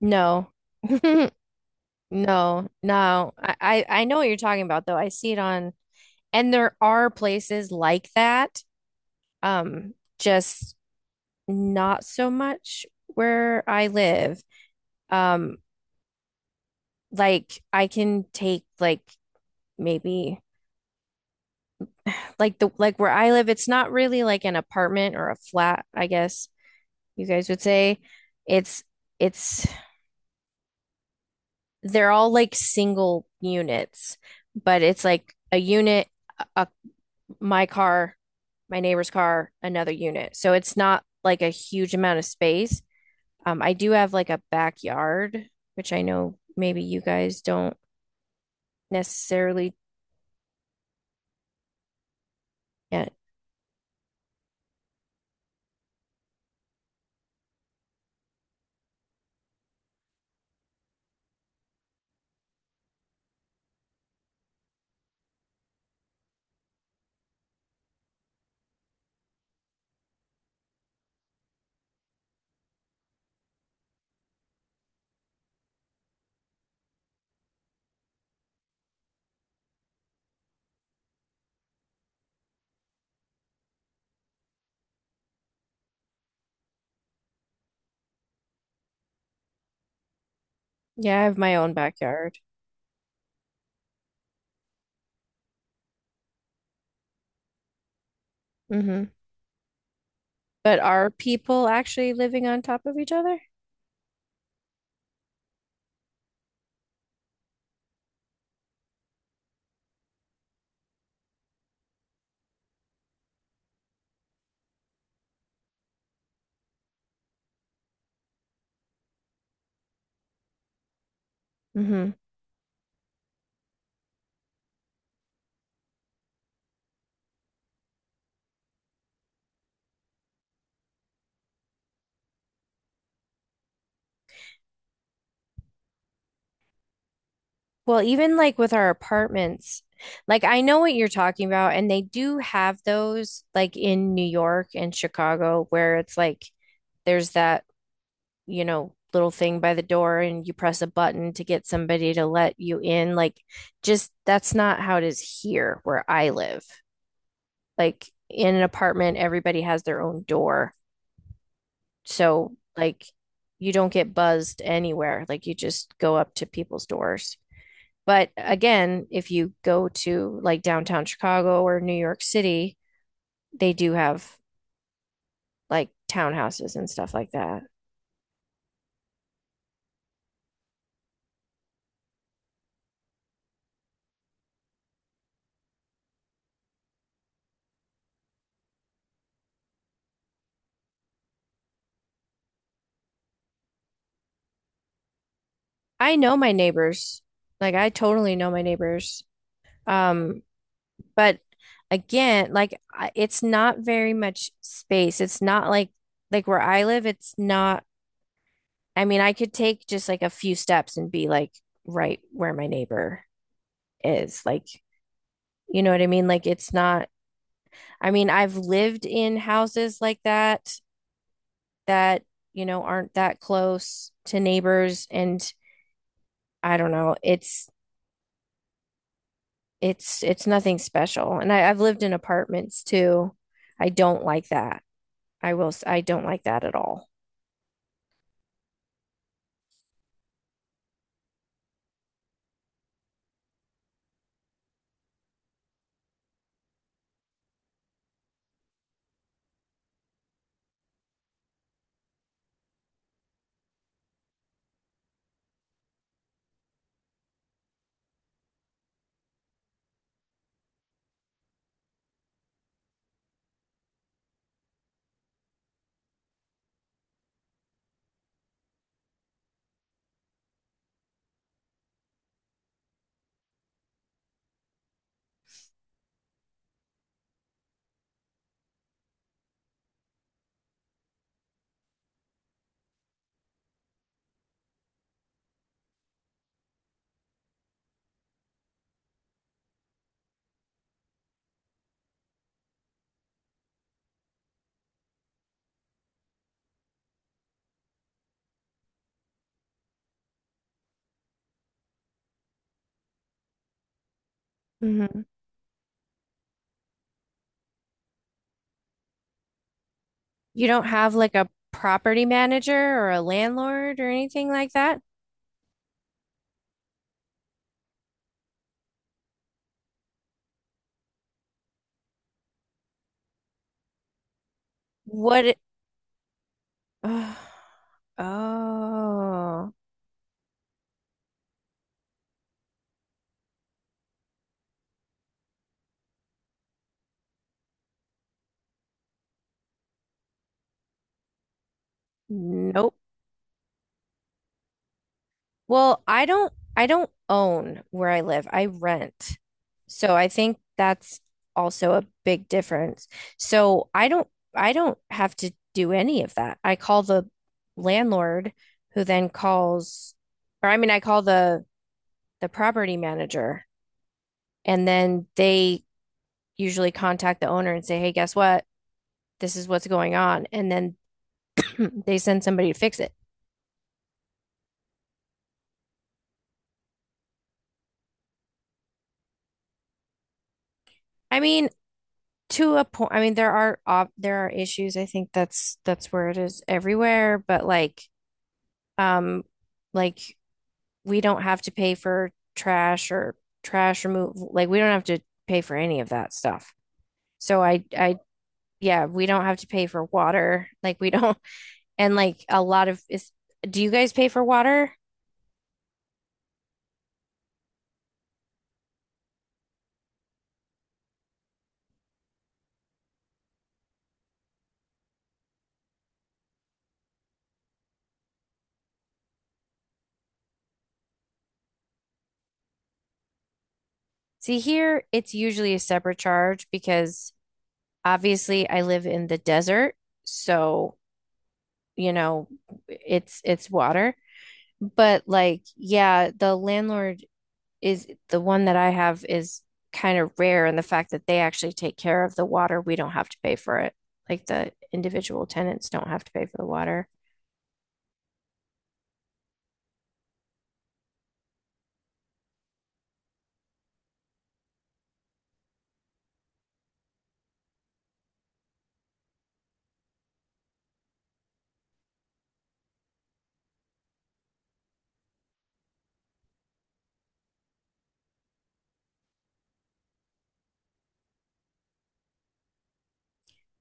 No. No, no. I know what you're talking about though. I see it on and there are places like that. Just not so much where I live. Um, like I can take like maybe like the like where I live, it's not really like an apartment or a flat, I guess you guys would say. It's it's they're all like single units, but it's like a unit, a my car, my neighbor's car, another unit. So it's not like a huge amount of space. I do have like a backyard, which I know maybe you guys don't necessarily get. Yeah, I have my own backyard. hmm But are people actually living on top of each other? hmm Well, even like with our apartments, like I know what you're talking about, and they do have those like in New York and Chicago where it's like there's little thing by the door and you press a button to get somebody to let you in. Like, just that's not how it is here where I live. Like, in an apartment, everybody has their own door. So, like, you don't get buzzed anywhere. Like, you just go up to people's doors. But again, if you go to like downtown Chicago or New York City, they do have like townhouses and stuff like that. I know my neighbors. Like I totally know my neighbors. Um, but again, it's not very much space. It's not like where I live, it's not I mean, I could take just like a few steps and be like right where my neighbor is. Like, you know what I mean? Like it's not I mean, I've lived in houses like that, you know, aren't that close to neighbors and I don't know. It's nothing special. And I've lived in apartments too. I don't like that. I don't like that at all. hmm You don't have like a property manager or a landlord or anything like that? What it, oh, nope. Well, I don't own where I live. I rent. So I think that's also a big difference. So I don't have to do any of that. I call the landlord who then calls or I mean I call the property manager and then they usually contact the owner and say, "Hey, guess what? This is what's going on." And then they send somebody to fix it. I mean, to a point, I mean, there are ob there are issues. I think that's where it is everywhere, but like um like we don't have to pay for trash or trash removal. Like we don't have to pay for any of that stuff. So I yeah, we don't have to pay for water. Like we don't and like a lot of is do you guys pay for water? See here, it's usually a separate charge because obviously I live in the desert, so you know, it's water. But like, yeah, the landlord is the one that I have is kind of rare in the fact that they actually take care of the water. We don't have to pay for it. Like the individual tenants don't have to pay for the water.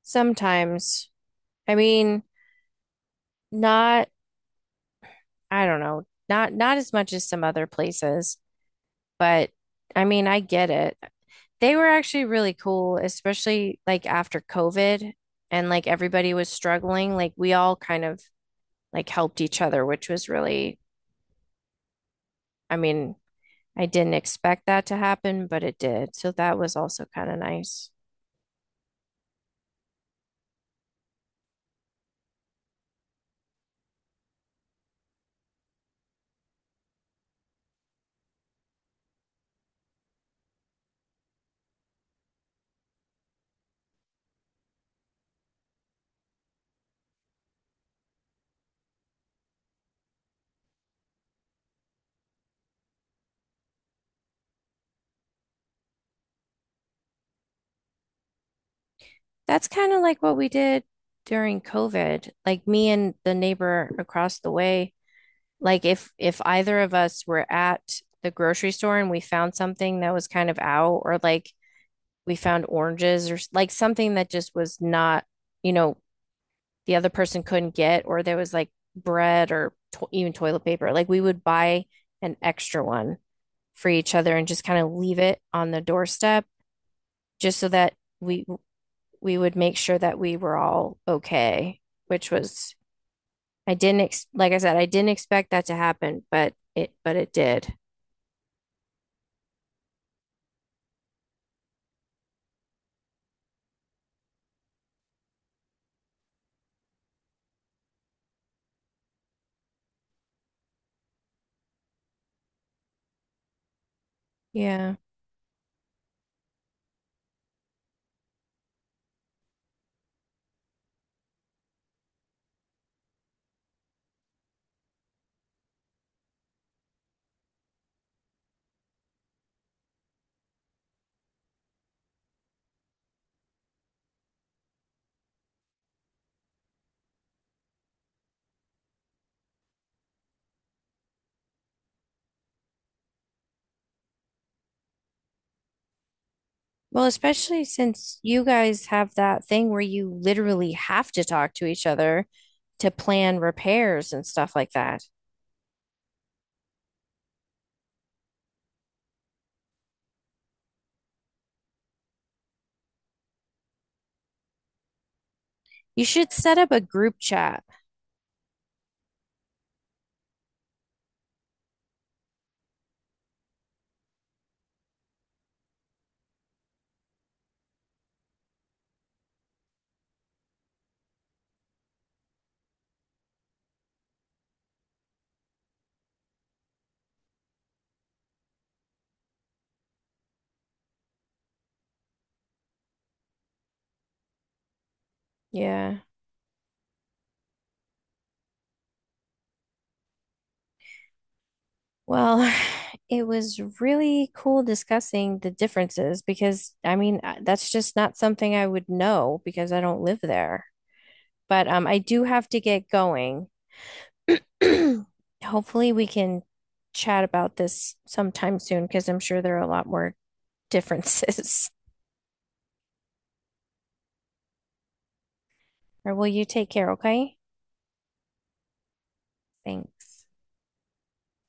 Sometimes, I mean, not, I don't know, not as much as some other places, but I mean, I get it. They were actually really cool, especially like after COVID and like everybody was struggling. Like we all kind of like helped each other, which was really, I mean, I didn't expect that to happen, but it did. So that was also kind of nice. That's kind of like what we did during COVID. Like me and the neighbor across the way, like if either of us were at the grocery store and we found something that was kind of out or like we found oranges or like something that just was not, you know, the other person couldn't get, or there was like bread or even toilet paper. Like we would buy an extra one for each other and just kind of leave it on the doorstep just so that we we would make sure that we were all okay, which was I didn't ex like I said, I didn't expect that to happen, but it did. Yeah. Well, especially since you guys have that thing where you literally have to talk to each other to plan repairs and stuff like that. You should set up a group chat. Yeah. Well, it was really cool discussing the differences because I mean, that's just not something I would know because I don't live there. But I do have to get going. Hopefully, we can chat about this sometime soon because I'm sure there are a lot more differences. Or will you take care, okay? Thanks.